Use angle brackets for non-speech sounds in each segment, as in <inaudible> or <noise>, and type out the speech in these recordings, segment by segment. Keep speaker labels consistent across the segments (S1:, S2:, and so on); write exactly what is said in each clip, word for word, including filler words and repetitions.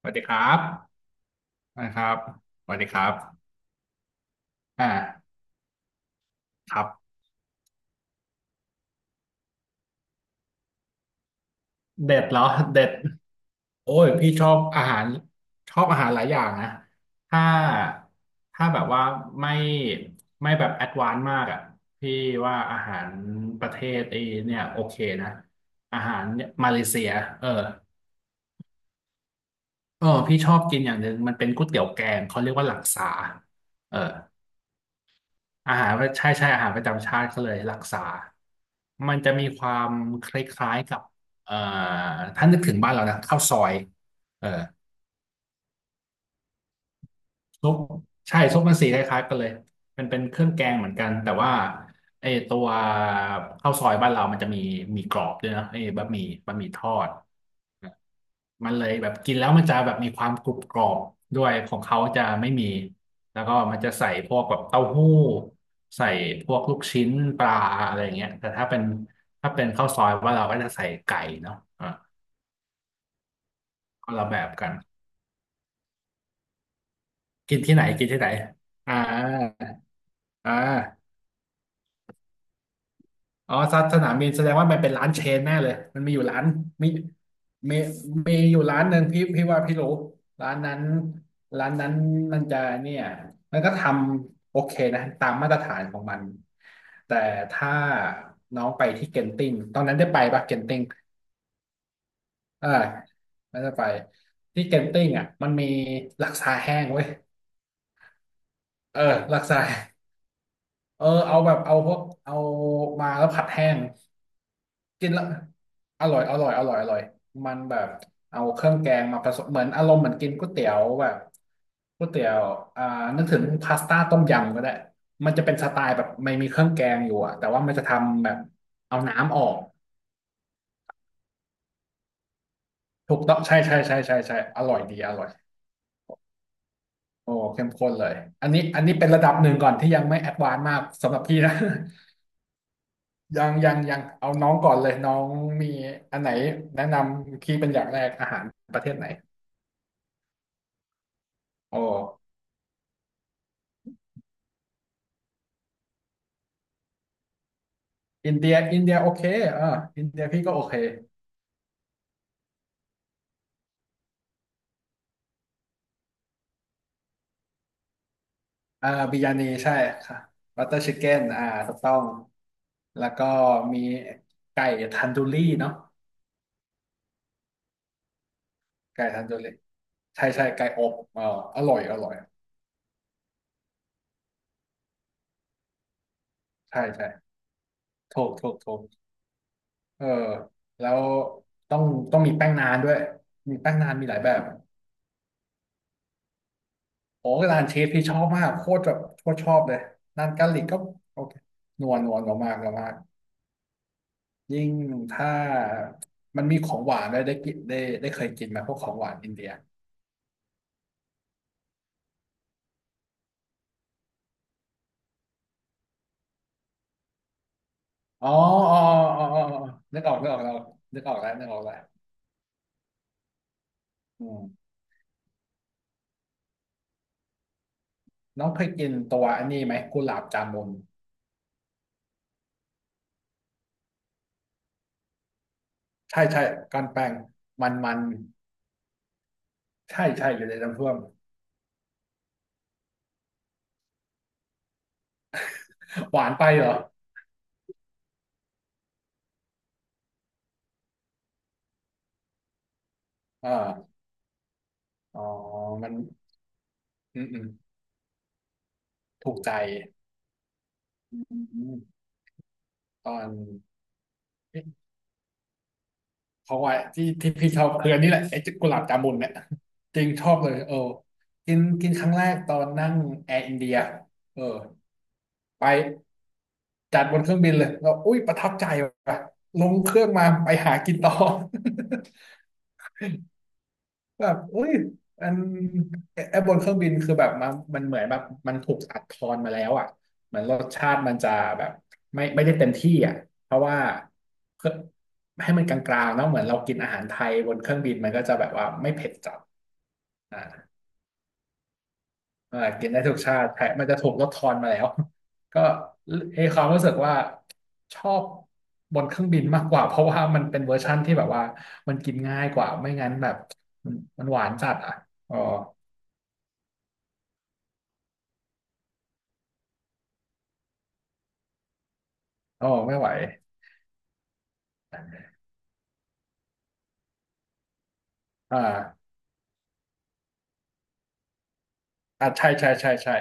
S1: สวัสดีครับนะครับสวัสดีครับอ่าครับเด็ดเหรอเด็ดโอ้ยพี่ชอบอาหารชอบอาหารหลายอย่างนะถ้าถ้าแบบว่าไม่ไม่แบบแอดวานซ์มากอ่ะพี่ว่าอาหารประเทศไอ้เนี่ยโอเคนะอาหารเนี่ยมาเลเซียเออเออพี่ชอบกินอย่างหนึ่งมันเป็นก๋วยเตี๋ยวแกงเขาเรียกว่าหลักษาเออ อาหารใช่ใช่อาหารประจำชาติเขาเลยรักษา มันจะมีความคล้ายๆกับเอ่อถ้านึกถึงบ้านเรานะข้าวซอยเออ ซุปใช่ซุปมันสีคล้ายๆกันเลยมันเป็นเครื่องแกงเหมือนกันแต่ว่าไอ้ตัวข้าวซอยบ้านเรามันจะมีมีกรอบด้วยนะไอ้บะหมี่บะหมี่ทอดมันเลยแบบกินแล้วมันจะแบบมีความกรุบกรอบด้วยของเขาจะไม่มีแล้วก็มันจะใส่พวกแบบเต้าหู้ใส่พวกลูกชิ้นปลาอะไรอย่างเงี้ยแต่ถ้าเป็นถ้าเป็นข้าวซอยว่านเราก็จะใส่ไก่เนาะอ่าก็ละแบบกันกินที่ไหนกินที่ไหนอ่าอ่า อ๋อสสนามบินแสดงว่ามันเป็นร้านเชนแน่เลยมันมีอยู่ร้านมีมีมีอยู่ร้านหนึ่งพี่พี่ว่าพี่รู้ร้านนั้นร้านนั้นมันจะเนี่ยมันก็ทำโอเคนะตามมาตรฐานของมันแต่ถ้าน้องไปที่เก็นติงตอนนั้นได้ไปปะเก็นติงเออไม่ได้ไปที่เก็นติงอ่ะมันมีลักซาแห้งเว้ยเออลักซาเออเอาแบบเอาพวกเอามาแล้วผัดแห้ง กินแล้วอร่อยอร่อยอร่อยอร่อยมันแบบเอาเครื่องแกงมาผสมเหมือนอารมณ์เหมือนกินก๋วยเตี๋ยวแบบก๋วยเตี๋ยวอ่านึกถึงพาสต้าต้มยำก็ได้มันจะเป็นสไตล์แบบไม่มีเครื่องแกงอยู่อะแต่ว่ามันจะทำแบบเอาน้ำออกถูกต้องใช่ใช่ใช่ใช่ใช่อร่อยดีอร่อยโอ้เข้มข้นเลยอันนี้อันนี้เป็นระดับหนึ่งก่อนที่ยังไม่แอดวานซ์มากสำหรับพี่นะ <laughs> ยังยังยังเอาน้องก่อนเลยน้องมีอันไหนแนะนำพี่เป็นอย่างแรกอาหารประเทศไหนโอ้ อินเดียอินเดียโอเคอ่าอินเดียพี่ก็โอเคอ่าบิรยนีใช่ค่ะบัตเตอร์ชิคเก้นอ่าถูกต้องแล้วก็มีไก่ทันดูรี่เนาะไก่ทันดูรี่ใช่ใช่ไก่อบเอออร่อยอร่อยใช่ใช่ถูกถูกถูกเออแล้วต้องต้องมีแป้งนานด้วยมีแป้งนานมีหลายแบบโอ้ร้านเชฟพี่ชอบมากโคตรแบบโคตรชอบเลยนานกาลิกก็โอเคนวลนัวนมากนมาก ยิ่งถ้ามันมีของหวานได้ได้กินได้ได้เคยกินไหมพวกของหวานอินเดียอ๋ออ๋ออ๋ออ๋ออ๋อนึกออกนึกออกแล้วนึกออกแล้วนึกออกแล้วอืมน้องเคยกินตัวอันนี้ไหมกุหลาบจามุนใช่ใช่ก้อนแป้งมันมันใช่ใช่อยู่ในน้ำท่วม <laughs> หวานไปเหรออ่าอ๋อมันอืมอืมถูกใจอืมตอนเอ๊ เขาะวาที่ที่พี่ชอบคืออันนี้แหละไอ้กุหลาบจามุนเนี่ยจริงชอบเลยเออกินกินครั้งแรกตอนนั่งแอร์อินเดียเออไปจัดบนเครื่องบินเลยแล้วอุ้ยประทับใจว่ะลงเครื่องมาไปหากินต่อ <laughs> แบบอุ้ยอันไอ้บนเครื่องบินคือแบบมันมันเหมือนแบบมันถูกอัดทอนมาแล้วอ่ะเหมือนรสชาติมันจะแบบไม่ไม่ได้เต็มที่อ่ะเพราะว่าเครื่องให้มันกลางๆเนาะเหมือนเรากินอาหารไทยบนเครื่องบินมันก็จะแบบว่าไม่เผ็ดจัดอ่าเออกินได้ทุกชาติแต่มันจะถูกลดทอนมาแล้ว <laughs> ก็เอความรู้สึกว่าชอบบนเครื่องบินมากกว่าเพราะว่ามันเป็นเวอร์ชั่นที่แบบว่ามันกินง่ายกว่าไม่งั้นแบบมันมันหวานจัดอ่ะอ๋อ โอ้ไม่ไหวอ่าอ่าใช่ใช่ใช่ใช่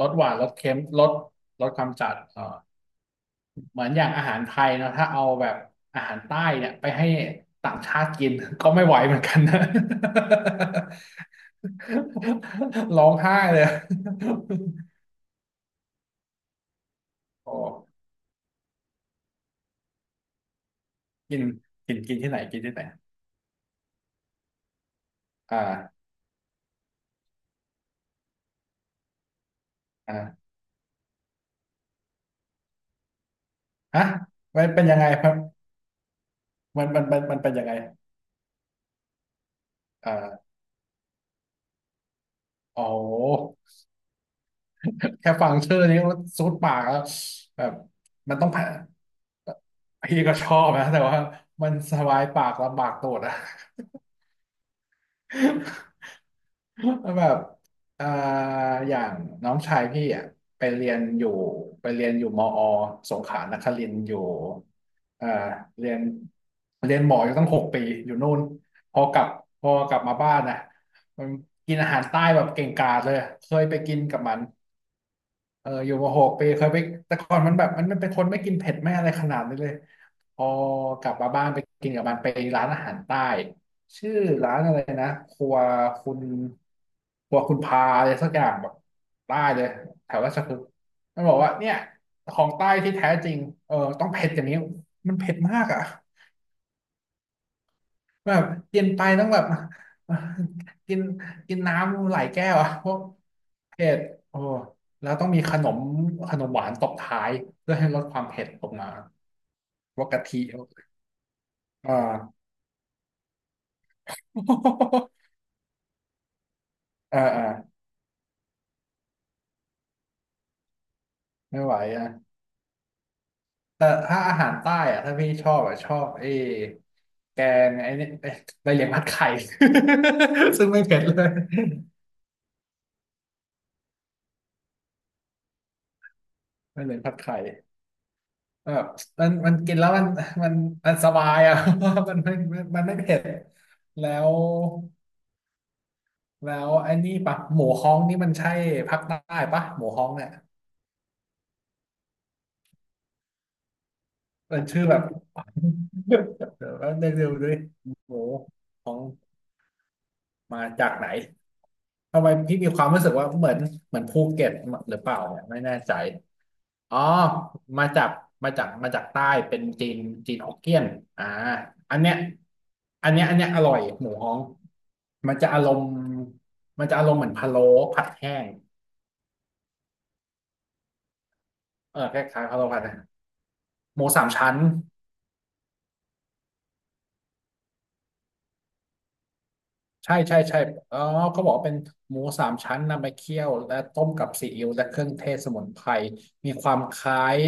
S1: ลดหวานลดเค็มลดลดความจัดอ่าเหมือนอย่างอาหารไทยเนอะถ้าเอาแบบอาหารใต้เนี่ยไปให้ต่างชาติกิน <laughs> ก็ไม่ไหวเหมือนกันนะ <laughs> ร้องไห้เลย <laughs> โอ้กินกินกินที่ไหนกินที่ไหนอ่าอ่าฮะมันเป็นยังไงครับมันมันมันมันเป็นยังไงอ่าอ๋อ แค่ฟังชื่อนี้ก็ซูดปากแล้วแบบมันต้องผ่านพี่ก็ชอบนะแต่ว่ามันสบายปากลำบากตูดอะ <laughs> แล้วแบบเอ่าอย่างน้องชายพี่อ่ะไปเรียนอยู่ไปเรียนอยู่มอสงขลานครินทร์อยู่เอ่อเรียนเรียนหมออยู่ตั้งหกปีอยู่นู่นพอกลับพอกลับมาบ้านนะมันกินอาหารใต้แบบเก่งกาจเลยเคยไปกินกับมัน เอออยู่มาหกปีเคยไปแต่ก่อนมันแบบมันมันเป็นคนไม่กินเผ็ดไม่อะไรขนาดนี้เลยพอกลับมาบ้านไปกินกับมันไปร้านอาหารใต้ชื่อร้านอะไรนะครัวคุณครัวคุณพาอะไรสักอย่างแบบใต้เลยแถวราชพฤกษ์มันบอกว่าเนี่ยของใต้ที่แท้จริงเออต้องเผ็ดอย่างนี้มันเผ็ดมากอ่ะ แบบกินไปต้องแบบ <laughs> กินกินน้ำหลายแก้วอะพวกเผ็ดโอ้แล้วต้องมีขนมขนมหวานตบท้ายเพื่อให้ลดความเผ็ดลงมาพวกกะทิอ่า <laughs> เออเออไม่ไหวอ่ะแต่ถ้าอาหารใต้อ่ะถ้าพี่ชอบอ่ะชอบไอ้แกงไอ้นี่ไอ้ใบเหลียงผัดไข่ <laughs> ซึ่งไม่เผ็ดเลยใบเหลียงผัดไข่ แบบมันมันกินแล้วมันมันมันสบายอ่ะ <laughs> เพราะว่ามันไม่มันมันไม่เผ็ด แล้ว แล้วไอ้นี่ปะหมูฮ้องนี่มันใช่ภาคใต้ปะ หมูฮ้องเนี่ย มันชื่อแบบ <laughs> เดี๋ยวแป๊บนึงเดูดวยหมูฮ้องมาจากไหน ทำไมพี่มีความรู้สึกว่าเหมือนเหมือนภูเก็ตหรือเปล่าเนี่ยไม่แน่ใจอ๋อมาจากมาจากมาจากใต้เป็นจีนจีนฮกเกี้ยนอ่าอันเนี้ยอันเนี้ยอันเนี้ยอร่อยหมูฮ้องมันจะอารมณ์มันจะอารมณ์เหมือนพะโล้ผัดแห้งเออคล้ายๆพะโล้ผัดแห้งหมูสามชั้น ใช่ใช่ใช่อ๋อเขาบอกว่าเป็นหมูสามชั้นนำไปเคี่ยวและต้มกับซีอิ๊วและเครื่องเทศสมุนไพรมีความคล้าย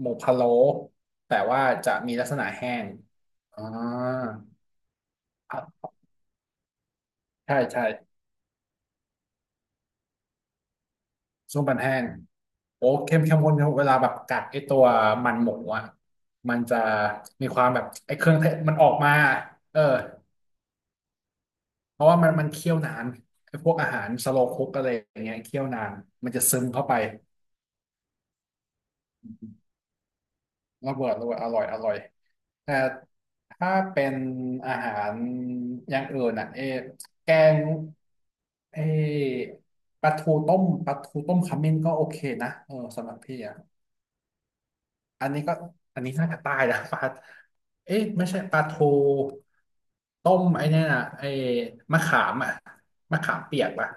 S1: หมูพะโล้แต่ว่าจะมีลักษณะแห้งอ่าครับใช่ใช่ซุปมันแห้งโอ้เค็มเค็มคนเวลาแบบกัดไอตัวมันหมูอ่ะมันจะมีความแบบไอเครื่องเทศมันออกมาเออเพราะว่ามันมันเคี่ยวนานไอพวกอาหารสโลว์คุกอะไรอย่างเงี้ยเคี่ยวนานมันจะซึมเข้าไป ระเบิดเลยอร่อยอร่อยแต่ถ้าเป็นอาหารอย่างอื่นอ่ะเออแกงเออปลาทูต้มปลาทูต้มขมิ้นก็โอเคนะเออสำหรับพี่อ่ะอันนี้ก็อันนี้น่าจะใต้นะ <laughs> ปลาเอ๊ะไม่ใช่ปลาทูต้มไอ้เนี่ยนะไอ้มะขามอ่ะมะขามเปียกป่ะ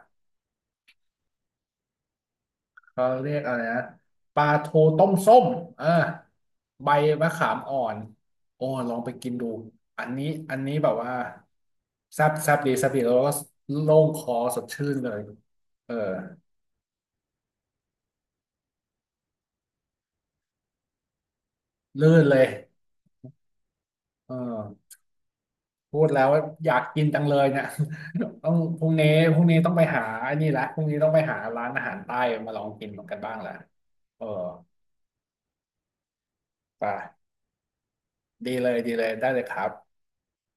S1: เขาเรียกอะไรนะปลาทูต้มส้มอ่าใบมะขามอ่อนโอ้ลองไปกินดูอันนี้อันนี้แบบว่าแซ่บแซ่บดีแซ่บดีแล้วก็โล่งคอสดชื่นเลยเออลื่นเลยเออพูดแล้วว่าอยากกินจังเลยเนี่ย <laughs> ต้องพรุ่งนี้พรุ่งนี้ต้องไปหาไอันนี้ละพรุ่งนี้ต้องไปหาร้านอาหารใต้มาลองกินกันบ้างละเออไปดีเลยดีเลยได้เลยครับ